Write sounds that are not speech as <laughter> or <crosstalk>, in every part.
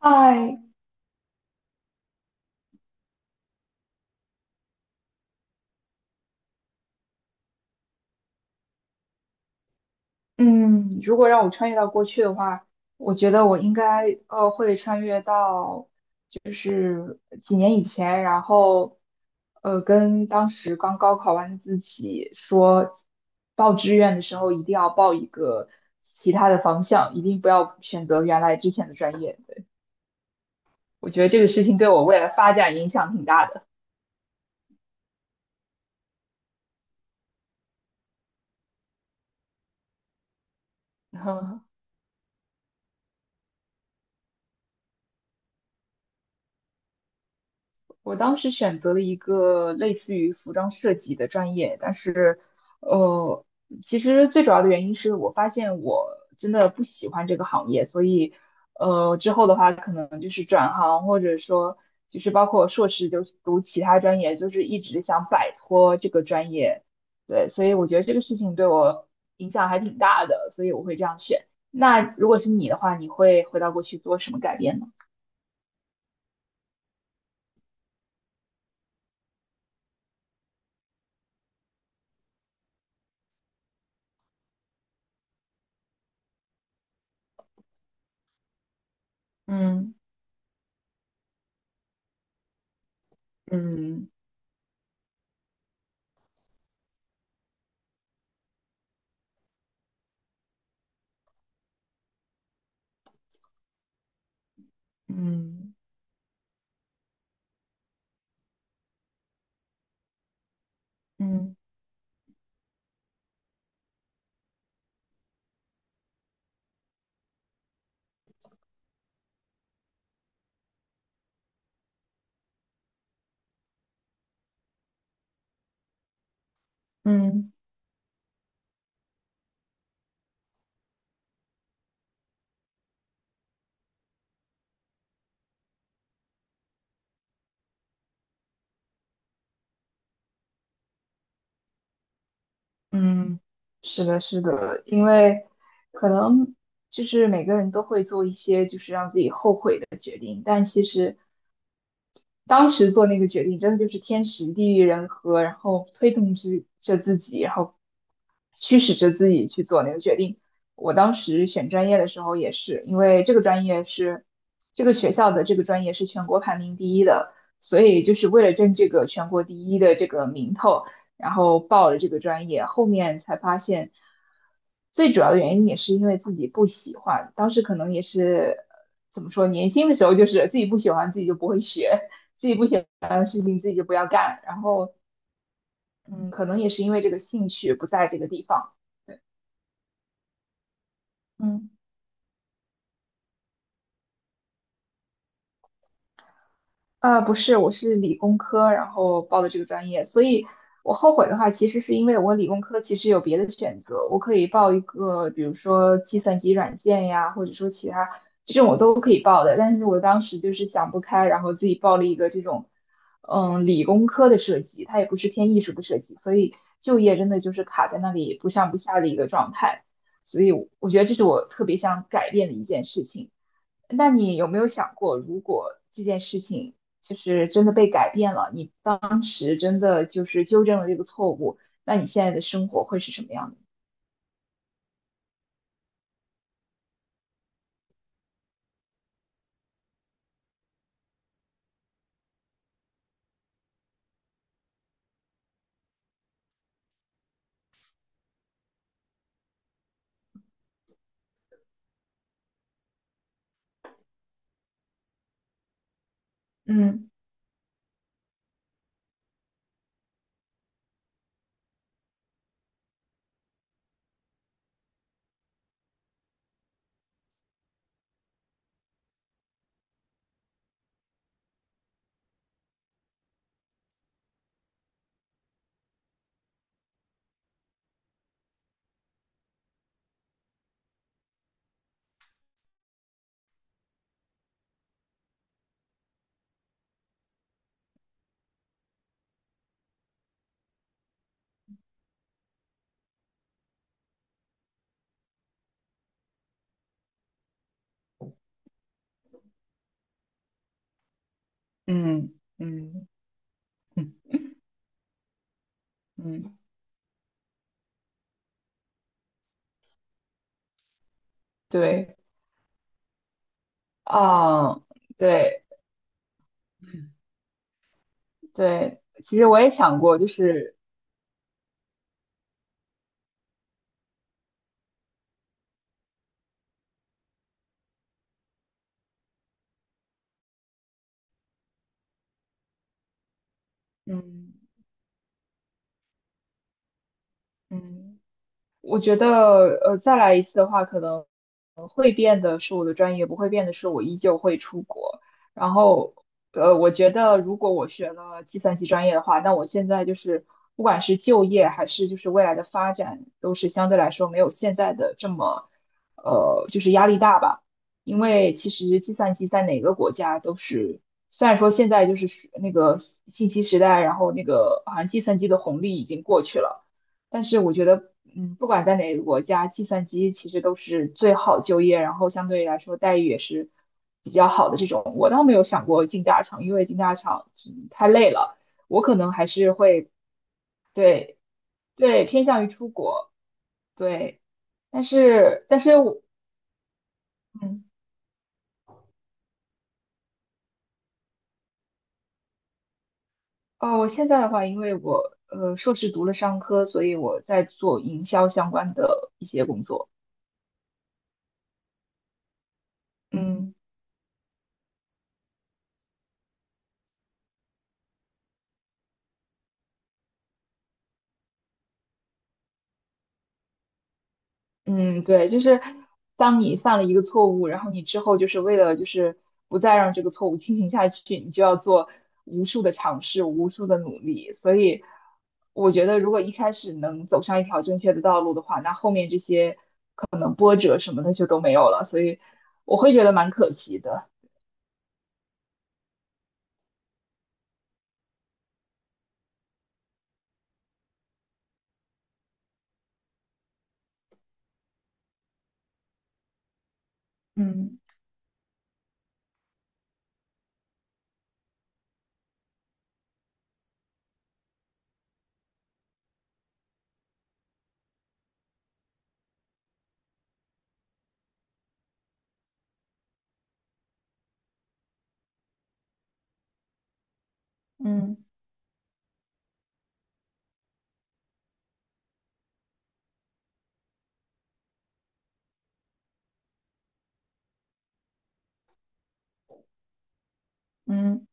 嗨，嗯，如果让我穿越到过去的话，我觉得我应该会穿越到就是几年以前，然后跟当时刚高考完的自己说，报志愿的时候一定要报一个其他的方向，一定不要选择原来之前的专业。对，我觉得这个事情对我未来发展影响挺大的。<laughs> 我当时选择了一个类似于服装设计的专业，但是，呃，其实最主要的原因是我发现我真的不喜欢这个行业，所以，之后的话可能就是转行，或者说就是包括硕士就是读其他专业，就是一直想摆脱这个专业，对，所以我觉得这个事情对我影响还挺大的，所以我会这样选。那如果是你的话，你会回到过去做什么改变呢？嗯嗯嗯嗯。嗯嗯，是的，是的，因为可能就是每个人都会做一些就是让自己后悔的决定，但其实当时做那个决定真的就是天时地利人和，然后推动之着自己，然后驱使着自己去做那个决定。我当时选专业的时候也是，因为这个专业是这个学校的这个专业是全国排名第一的，所以就是为了争这个全国第一的这个名头。然后报了这个专业，后面才发现，最主要的原因也是因为自己不喜欢。当时可能也是怎么说，年轻的时候就是自己不喜欢，自己就不会学，自己不喜欢的事情自己就不要干。然后，嗯，可能也是因为这个兴趣不在这个地方。对嗯。不是，我是理工科，然后报的这个专业，所以我后悔的话，其实是因为我理工科其实有别的选择，我可以报一个，比如说计算机软件呀，或者说其他这种我都可以报的，但是我当时就是想不开，然后自己报了一个这种，嗯，理工科的设计，它也不是偏艺术的设计，所以就业真的就是卡在那里不上不下的一个状态，所以我觉得这是我特别想改变的一件事情。那你有没有想过，如果这件事情就是真的被改变了，你当时真的就是纠正了这个错误，那你现在的生活会是什么样的？嗯嗯嗯嗯嗯，对啊，对对，其实我也想过，就是嗯嗯，我觉得，再来一次的话，可能会变的是我的专业，不会变的是我依旧会出国。然后，我觉得如果我学了计算机专业的话，那我现在就是不管是就业还是就是未来的发展，都是相对来说没有现在的这么，就是压力大吧。因为其实计算机在哪个国家都是，虽然说现在就是那个信息时代，然后那个好像计算机的红利已经过去了。但是我觉得，嗯，不管在哪个国家，计算机其实都是最好就业，然后相对来说待遇也是比较好的这种。我倒没有想过进大厂，因为进大厂，嗯太累了，我可能还是会对对偏向于出国，对。但是我,嗯，哦，我现在的话，因为我硕士读了商科，所以我在做营销相关的一些工作，嗯。嗯，对，就是当你犯了一个错误，然后你之后就是为了就是不再让这个错误进行下去，你就要做无数的尝试，无数的努力。所以我觉得，如果一开始能走上一条正确的道路的话，那后面这些可能波折什么的就都没有了。所以我会觉得蛮可惜的。嗯嗯嗯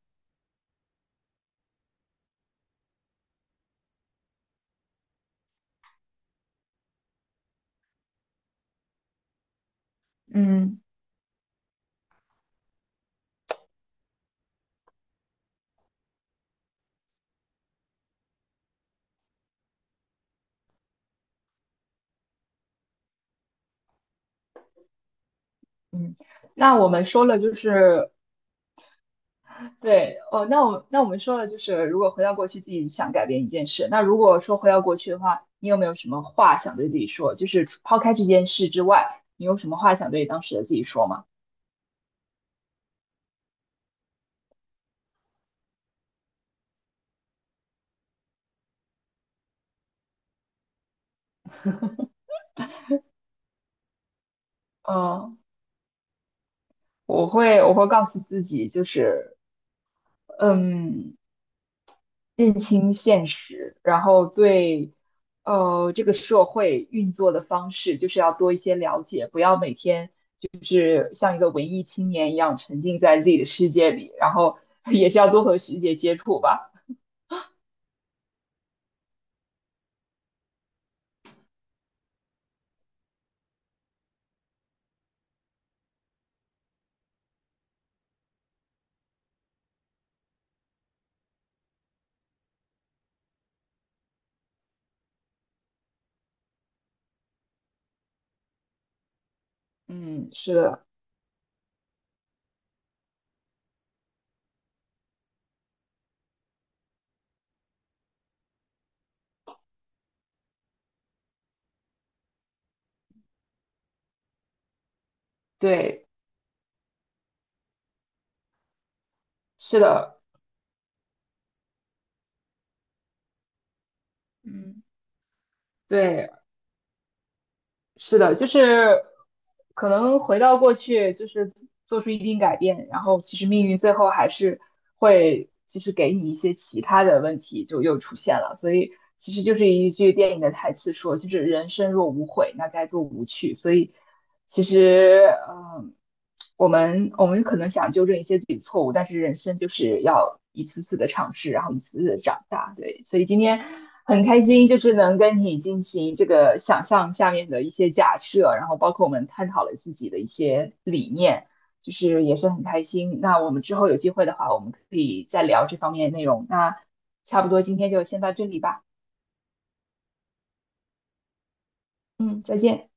嗯嗯，那我们说了就是对，哦，那我们说了，就是如果回到过去，自己想改变一件事，那如果说回到过去的话，你有没有什么话想对自己说？就是除抛开这件事之外，你有什么话想对当时的自己说吗？嗯，我会告诉自己，就是嗯，认清现实，然后对这个社会运作的方式，就是要多一些了解，不要每天像一个文艺青年一样沉浸在自己的世界里，然后 <laughs> 也是要多和世界接触吧。嗯，是的，对，是的，嗯对，是的，就是可能回到过去，就是做出一定改变，然后其实命运最后还是会就是给你一些其他的问题就又出现了，所以其实就是一句电影的台词说，就是人生若无悔，那该多无趣。所以其实，嗯。我们可能想纠正一些自己的错误，但是人生就是要一次次的尝试，然后一次次的长大。对，所以今天很开心，就是能跟你进行这个想象下面的一些假设，然后包括我们探讨了自己的一些理念，就是也是很开心。那我们之后有机会的话，我们可以再聊这方面的内容。那差不多今天就先到这里吧，嗯，再见。